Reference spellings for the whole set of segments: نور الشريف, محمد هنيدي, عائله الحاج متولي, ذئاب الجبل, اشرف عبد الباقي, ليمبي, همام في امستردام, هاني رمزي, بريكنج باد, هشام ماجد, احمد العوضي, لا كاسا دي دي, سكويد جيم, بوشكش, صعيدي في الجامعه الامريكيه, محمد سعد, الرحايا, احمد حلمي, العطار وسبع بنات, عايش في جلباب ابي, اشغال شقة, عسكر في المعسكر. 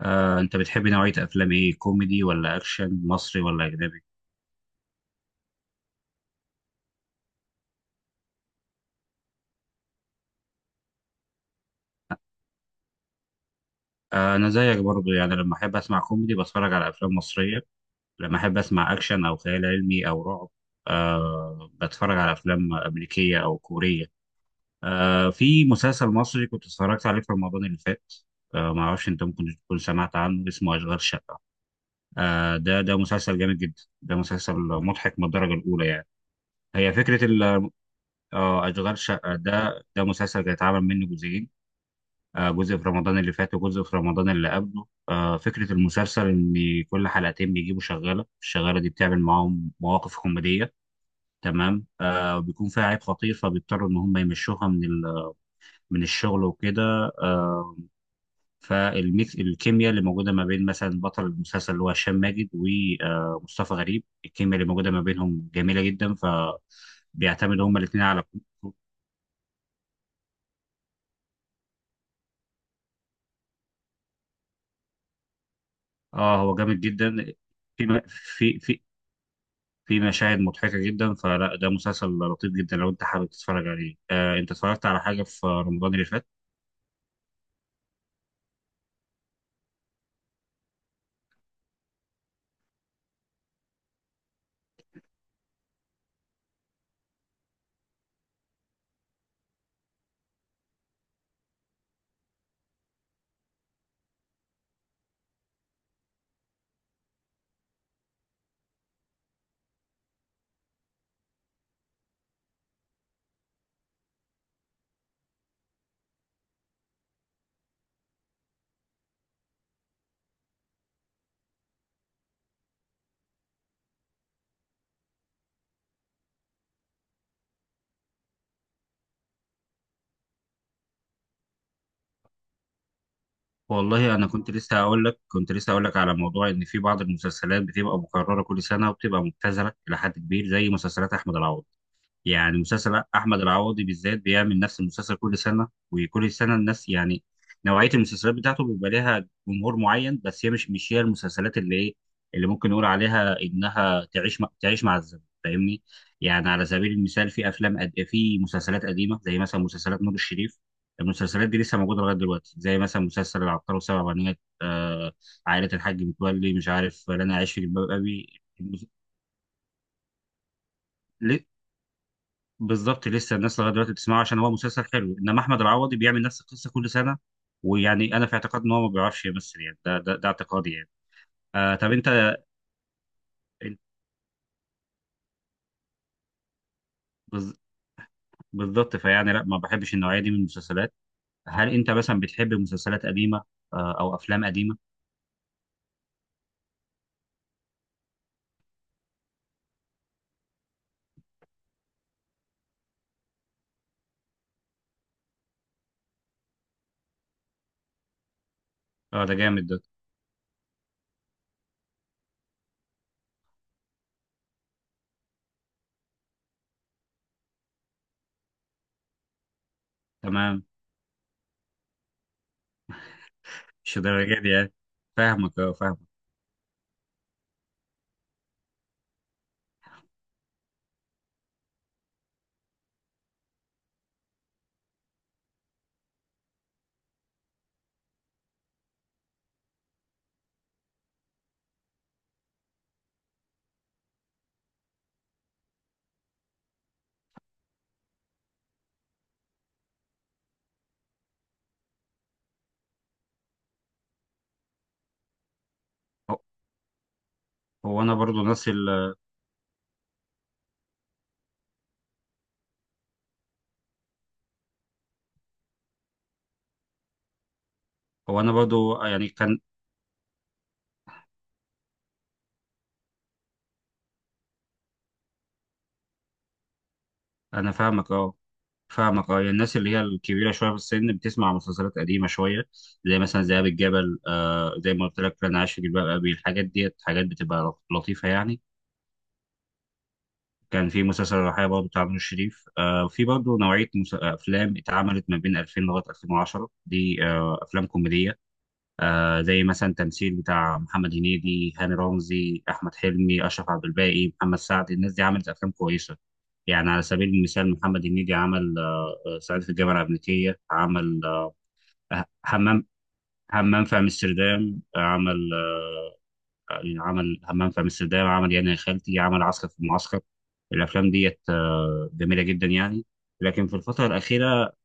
انت بتحب نوعية افلام ايه، كوميدي ولا اكشن، مصري ولا اجنبي؟ انا زيك برضو، يعني لما احب اسمع كوميدي بتفرج على افلام مصرية. لما احب اسمع اكشن او خيال علمي او رعب، بتفرج على افلام امريكية او كورية. في مسلسل مصري كنت اتفرجت عليه في رمضان اللي فات. ما اعرفش، انت ممكن تكون سمعت عنه، اسمه اشغال شقة. ده مسلسل جامد جدا، ده مسلسل مضحك من الدرجة الاولى يعني. هي فكرة ال- اشغال شقة، ده مسلسل هيتعمل منه جزئين. جزء في رمضان اللي فات وجزء في رمضان اللي قبله. فكرة المسلسل إن كل حلقتين بيجيبوا شغالة، الشغالة دي بتعمل معاهم مواقف كوميدية. تمام. بيكون فيها عيب خطير فبيضطروا إن هم يمشوها من الشغل وكده. فالميكس الكيمياء اللي موجوده ما بين مثلا بطل المسلسل اللي هو هشام ماجد ومصطفى غريب، الكيمياء اللي موجوده ما بينهم جميله جدا، بيعتمدوا هما الاثنين على... اه، هو جامد جدا. في في مشاهد مضحكة جدا. فلا، ده مسلسل لطيف جدا لو انت حابب تتفرج عليه. انت اتفرجت على حاجة في رمضان اللي فات؟ والله، انا كنت لسه هقول لك، على موضوع ان في بعض المسلسلات بتبقى مكررة كل سنة وبتبقى مبتذلة الى حد كبير، زي مسلسلات احمد العوضي. يعني مسلسل احمد العوضي بالذات بيعمل نفس المسلسل كل سنه، وكل سنه الناس يعني... نوعيه المسلسلات بتاعته بيبقى ليها جمهور معين، بس هي مش هي المسلسلات اللي ايه، اللي ممكن نقول عليها انها تعيش مع الزمن، فاهمني؟ يعني على سبيل المثال، في مسلسلات قديمه زي مثلا مسلسلات نور الشريف. المسلسلات دي لسه موجوده لغايه دلوقتي، زي مثلا مسلسل العطار وسبع بنات، عائله الحاج متولي، مش عارف، لا، انا عايش في جلباب ابي. بالظبط، لسه الناس لغايه دلوقتي بتسمعه عشان هو مسلسل حلو. انما احمد العوضي بيعمل نفس القصه كل سنه. ويعني انا في اعتقاد ان هو ما بيعرفش يمثل، يعني ده اعتقادي يعني. طب انت، انت بز- بالظبط. فيعني لا، ما بحبش النوعيه دي من المسلسلات. هل انت مثلا بتحب مسلسلات قديمه او افلام قديمه؟ اه، ده جامد ده. تمام. مش درجه دي يعني. فاهمك، اه، فاهمك. هو هو انا برضو نفس هو انا برضو يعني كان... انا فاهمك، اه، فاهمك، اه، يعني الناس اللي هي الكبيره شويه في السن بتسمع مسلسلات قديمه شويه، زي مثلا ذئاب الجبل، زي ما قلت لك، انا عايش في جلباب ابي. الحاجات ديت حاجات بتبقى لطيفه يعني. كان في مسلسل الرحايا برضه، بتاع نور الشريف. في برضه نوعيه افلام اتعملت ما بين 2000 لغايه 2010 دي، افلام كوميديه. زي مثلا تمثيل بتاع محمد هنيدي، هاني رمزي، احمد حلمي، اشرف عبد الباقي، محمد سعد. الناس دي عملت افلام كويسه. يعني على سبيل المثال، محمد هنيدي عمل، صعيدي في الجامعه الامريكيه، عمل همام همام في امستردام. عمل، يعني عمل همام في امستردام، عمل يعني يا خالتي، عمل عسكر في المعسكر. الافلام ديت جميله جدا يعني. لكن في الفتره الاخيره...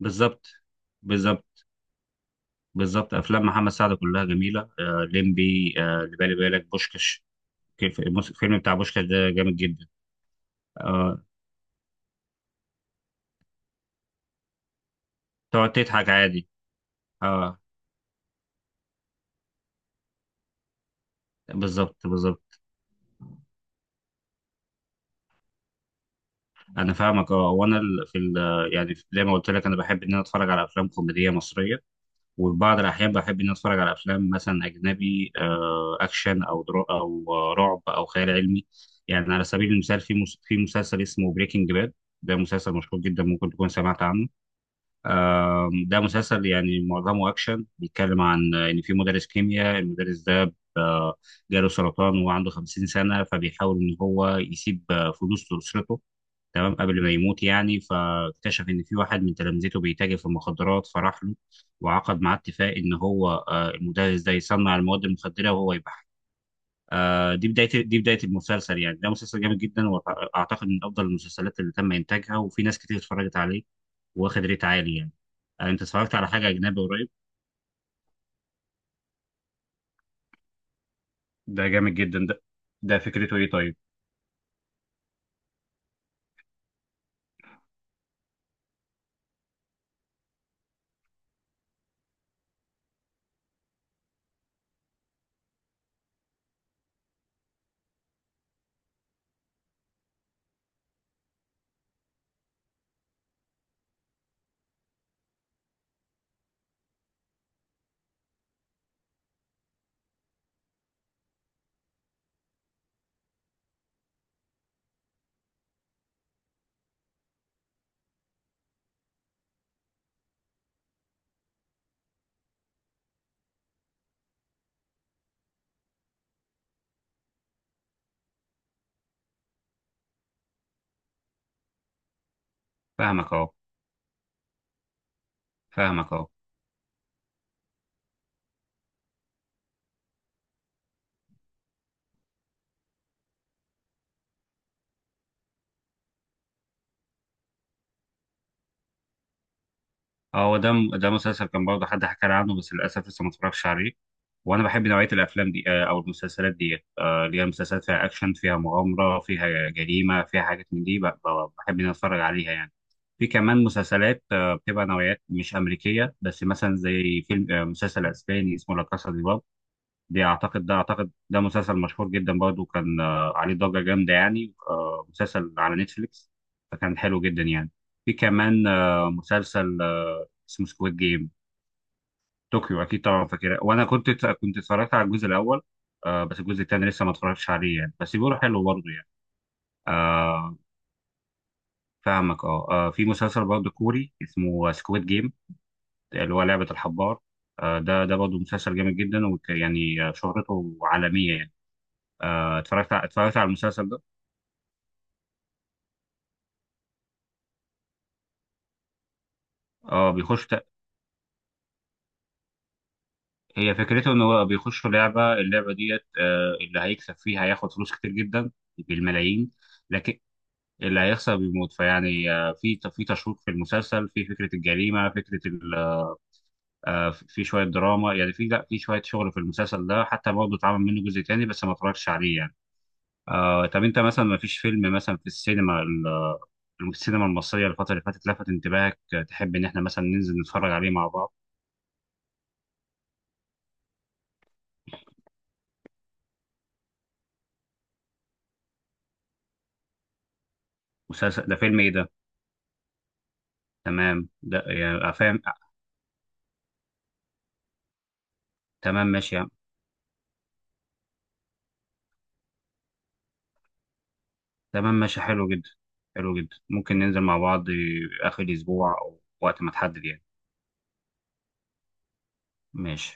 بالظبط، بالظبط، بالظبط، افلام محمد سعد كلها جميله، ليمبي، اللي بالي بالك بوشكش. الفيلم بتاع بوشكش ده جامد جدا. آه، تقعد تضحك عادي. اه، بالظبط، بالظبط. انا فاهمك، اه، وانا ال- في ال- يعني زي ما قلت لك، انا بحب ان انا اتفرج على افلام كوميديه مصريه. وفي بعض الأحيان بحب إني أتفرج على أفلام مثلا أجنبي، أكشن أو درا أو رعب أو خيال علمي. يعني على سبيل المثال، في مسلسل اسمه بريكنج باد. ده مسلسل مشهور جدا، ممكن تكون سمعت عنه. ده مسلسل يعني معظمه أكشن، بيتكلم عن إن في مدرس كيمياء. المدرس ده جاله سرطان، وهو عنده 50 سنة، فبيحاول إن هو يسيب فلوس لأسرته. تمام، قبل ما يموت يعني. فاكتشف ان في واحد من تلامذته بيتاجر في المخدرات، فراح له وعقد معاه اتفاق ان هو المدرس ده يصنع المواد المخدره وهو يبيعها. دي بدايه المسلسل يعني. ده مسلسل جامد جدا، واعتقد من افضل المسلسلات اللي تم انتاجها، وفي ناس كتير اتفرجت عليه. واخد ريت عالي يعني. انت اتفرجت على حاجه اجنبي قريب؟ ده جامد جدا ده فكرته ايه طيب؟ فاهمك اهو، فاهمك اهو. اه، هو ده مسلسل كان برضه حد حكى لي عنه، بس للاسف لسه ما اتفرجش عليه. وانا بحب نوعيه الافلام دي، او المسلسلات دي، اللي هي مسلسلات فيها اكشن، فيها مغامره، فيها جريمه، فيها حاجات من دي. بحب ان أنا اتفرج عليها يعني. في كمان مسلسلات، بتبقى نوعيات مش امريكيه بس، مثلا زي فيلم، مسلسل اسباني اسمه لا كاسا دي. دي اعتقد ده مسلسل مشهور جدا برضه، كان عليه ضجة جامدة يعني، مسلسل على نتفليكس. فكان حلو جدا يعني. في كمان مسلسل اسمه سكويد جيم. طوكيو اكيد طبعا فاكرها، وانا كنت اتفرجت على الجزء الاول. بس الجزء الثاني لسه ما اتفرجتش عليه يعني، بس بيقولوا حلو برضه يعني. آه، فاهمك، اه. في مسلسل برضه كوري اسمه سكويد جيم، اللي هو لعبة الحبار. ده برضه مسلسل جامد جدا، ويعني شهرته عالمية يعني. اتفرجت على المسلسل ده. اه، هي فكرته ان هو بيخش لعبه، اللعبه ديت اللي هيكسب فيها هياخد فلوس كتير جدا، بالملايين. لكن اللي هيخسر بيموت، فيعني في في تشويق في المسلسل، في فكره الجريمه، في شويه دراما يعني، في لا، في شويه شغل في المسلسل ده. حتى برضه اتعمل منه جزء تاني بس ما اتفرجتش عليه يعني. طب انت مثلا، ما فيش فيلم مثلا في السينما المصريه الفتره اللي فاتت لفت انتباهك، تحب ان احنا مثلا ننزل نتفرج عليه مع بعض؟ مسلسل ده، فيلم ايه ده؟ تمام، ده يعني فاهم. تمام، ماشي يا- عم. تمام، ماشي، حلو جدا. حلو جدا، ممكن ننزل مع بعض آخر الأسبوع، أو وقت ما تحدد يعني. ماشي.